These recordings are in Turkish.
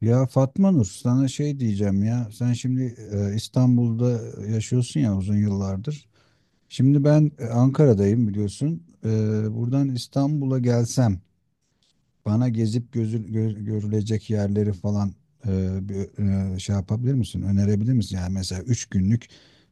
Ya Fatma Nur, sana şey diyeceğim ya. Sen şimdi İstanbul'da yaşıyorsun ya uzun yıllardır. Şimdi ben Ankara'dayım biliyorsun. Buradan İstanbul'a gelsem bana gezip görülecek yerleri falan bir şey yapabilir misin? Önerebilir misin? Yani mesela 3 günlük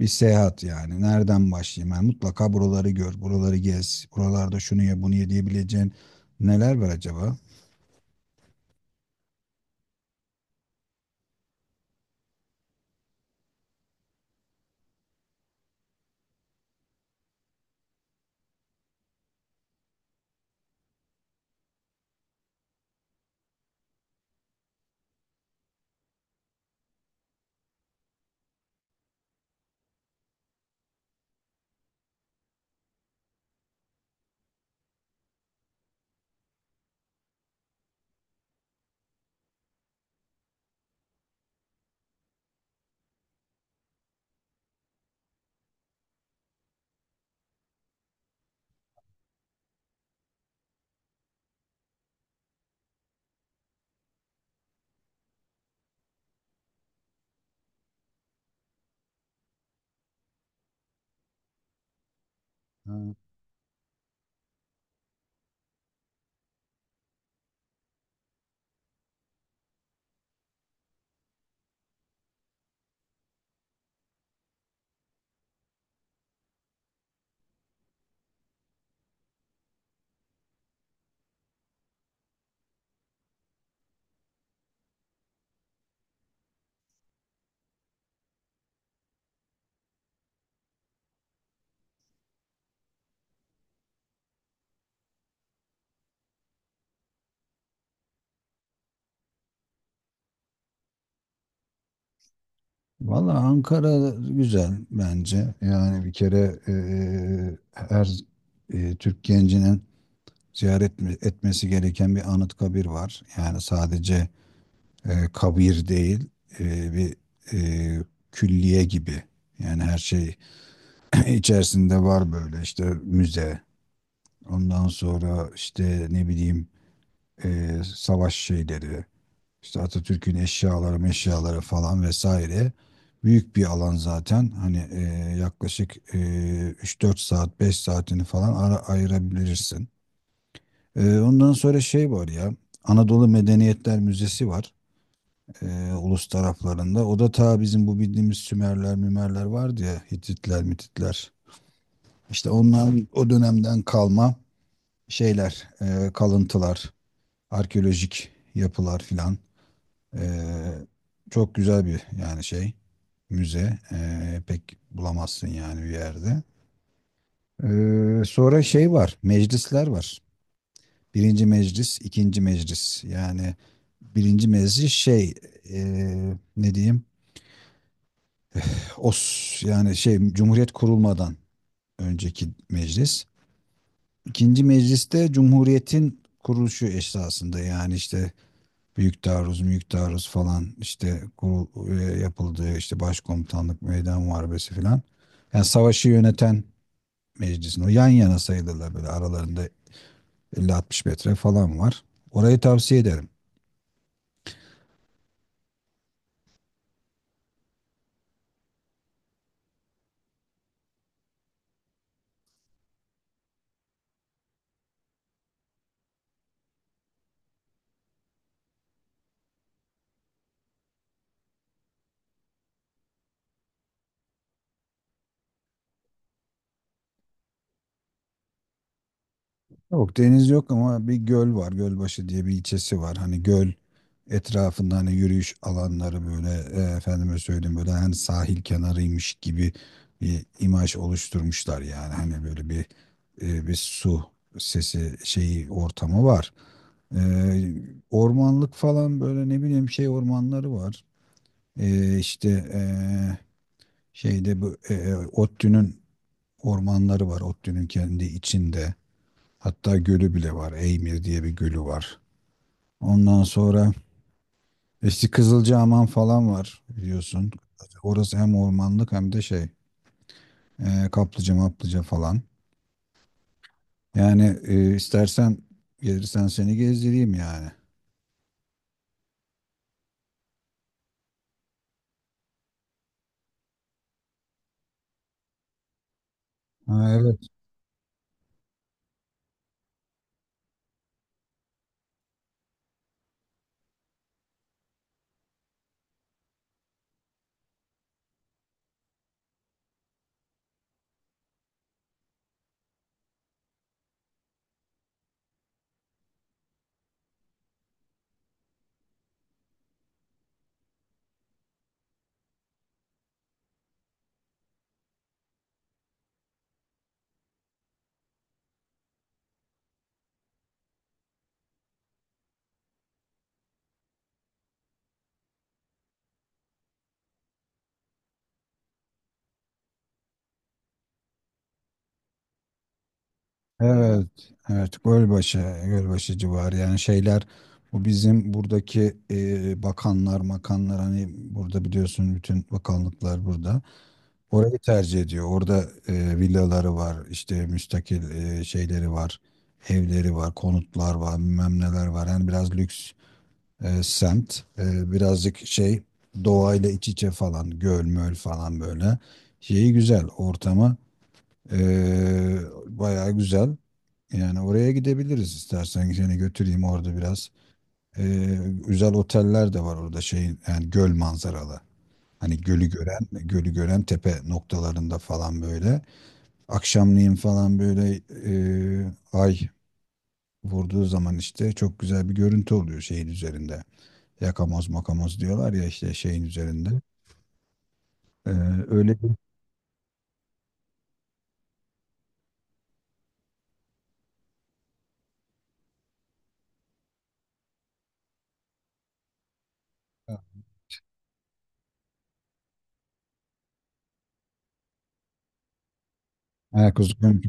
bir seyahat yani. Nereden başlayayım? Yani mutlaka buraları gör, buraları gez, buralarda şunu ye, bunu ye diyebileceğin neler var acaba? Ha. Valla Ankara güzel bence. Yani bir kere her Türk gencinin ziyaret etmesi gereken bir anıt kabir var. Yani sadece kabir değil, bir eee, külliye gibi. Yani her şey içerisinde var, böyle işte müze. Ondan sonra işte ne bileyim savaş şeyleri. İşte Atatürk'ün eşyaları, meşyaları falan vesaire. Büyük bir alan zaten. Hani yaklaşık 3-4 saat, 5 saatini falan ara ayırabilirsin. Ondan sonra şey var ya. Anadolu Medeniyetler Müzesi var. Ulus taraflarında. O da ta bizim bu bildiğimiz Sümerler, Mümerler vardı ya. Hititler, Mititler. İşte onların o dönemden kalma şeyler, kalıntılar, arkeolojik yapılar filan. Ee, Çok güzel bir yani şey müze. Pek bulamazsın yani bir yerde. Sonra şey var, meclisler var. Birinci meclis, ikinci meclis. Yani birinci meclis şey ne diyeyim? Yani şey Cumhuriyet kurulmadan önceki meclis. İkinci mecliste Cumhuriyet'in kuruluşu esasında, yani işte Büyük taarruz, büyük taarruz falan, işte yapıldığı işte başkomutanlık, meydan muharebesi falan. Yani savaşı yöneten meclisin, o yan yana sayılırlar, böyle aralarında 50-60 metre falan var. Orayı tavsiye ederim. Yok, deniz yok ama bir göl var. Gölbaşı diye bir ilçesi var. Hani göl etrafında hani yürüyüş alanları böyle, efendime söyleyeyim, böyle hani sahil kenarıymış gibi bir imaj oluşturmuşlar yani. Hani böyle bir, bir su sesi şeyi, ortamı var. E, ormanlık falan, böyle ne bileyim şey ormanları var. E, işte e, şeyde bu ODTÜ'nün ormanları var. ODTÜ'nün kendi içinde. Hatta gölü bile var. Eymir diye bir gölü var. Ondan sonra işte Kızılcahaman falan var biliyorsun. Orası hem ormanlık hem de şey, kaplıca maplıca falan. Yani istersen, gelirsen seni gezdireyim yani. Ha, evet, evet, evet. Gölbaşı civarı yani, şeyler, bu bizim buradaki bakanlar, makanlar, hani burada biliyorsun bütün bakanlıklar burada. Orayı tercih ediyor. Orada villaları var, işte müstakil şeyleri var, evleri var, konutlar var, bilmem neler var. Yani biraz lüks semt. Birazcık şey, doğayla iç içe falan, göl möl falan böyle. Şeyi güzel, ortamı e, bayağı güzel. Yani oraya gidebiliriz, istersen seni götüreyim orada biraz. E, güzel oteller de var orada şeyin, yani göl manzaralı. Hani gölü gören tepe noktalarında falan böyle. Akşamleyin falan böyle ay vurduğu zaman işte çok güzel bir görüntü oluyor şeyin üzerinde. Yakamoz makamoz diyorlar ya, işte şeyin üzerinde. E, öyle bir Ha, Kuzgun.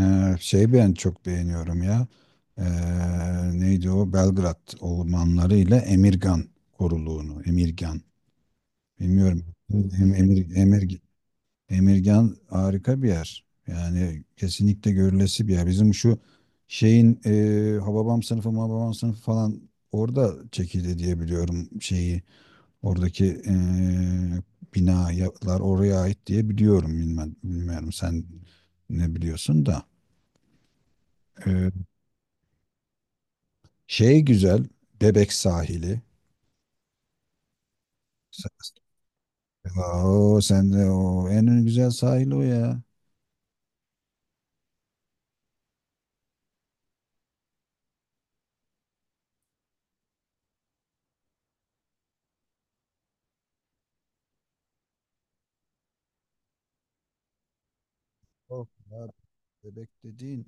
Şey ben çok beğeniyorum ya. E, Neydi o? Belgrad ormanları ile Emirgan koruluğunu. Emirgan. Bilmiyorum. Em- Emir, Emir, Emirgan harika bir yer. Yani kesinlikle görülesi bir yer. Bizim şu şeyin Hababam sınıfı falan orada çekildi diye biliyorum şeyi. Oradaki binalar oraya ait diye biliyorum. Bilmem, bilmiyorum sen ne biliyorsun da. E, şey güzel, Bebek sahili. Sa- O, sen de o en güzel sahil o ya. Of ya, Bebek dediğin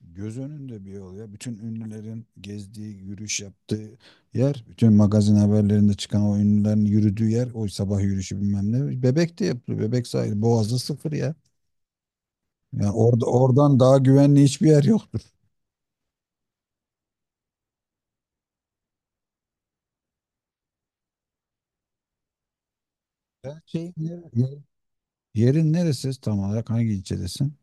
göz önünde bir yol ya. Bütün ünlülerin gezdiği, yürüyüş yaptığı yer, bütün magazin haberlerinde çıkan o ünlülerin yürüdüğü yer, o sabah yürüyüşü bilmem ne, Bebek de yapılıyor. Bebek sahili. Boğaz'da sıfır ya. Yani oradan daha güvenli hiçbir yer yoktur. Ya, yerin neresi, tam olarak hangi ilçedesin?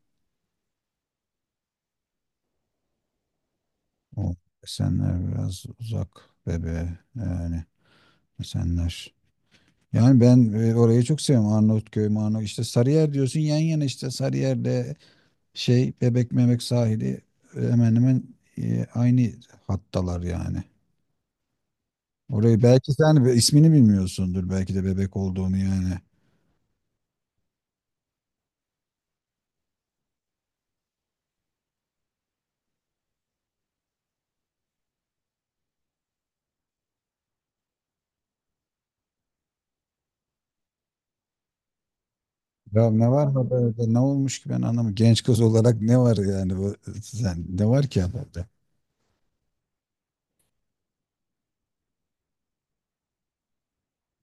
O, Esenler biraz uzak yani, Esenler. Yani ben orayı çok seviyorum. Arnavutköy, Marnavut, işte Sarıyer diyorsun, yan yana, işte Sarıyer'le şey, Bebek Memek sahili, hemen hemen aynı hattalar yani. Orayı belki sen ismini bilmiyorsundur, belki de bebek olduğunu yani. Ya ne var mı, böyle ne olmuş ki? Ben anlamı, genç kız olarak ne var yani? Sen ne var ki haberde?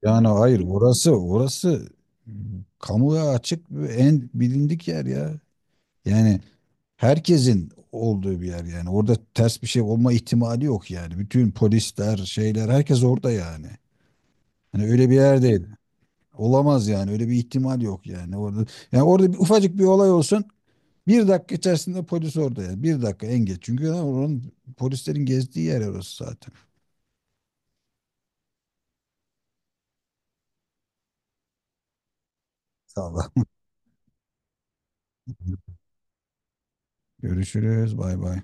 Yani hayır, orası m, kamuya açık ve en bilindik yer ya. Yani herkesin olduğu bir yer yani. Orada ters bir şey olma ihtimali yok yani. Bütün polisler, şeyler, herkes orada yani. Hani öyle bir yer değil. Olamaz yani. Öyle bir ihtimal yok yani. Orada, yani orada bir, ufacık bir olay olsun, 1 dakika içerisinde polis orada yani. 1 dakika en geç. Çünkü oranın, polislerin gezdiği yer orası zaten. Sağ ol. Görüşürüz. Bay bay.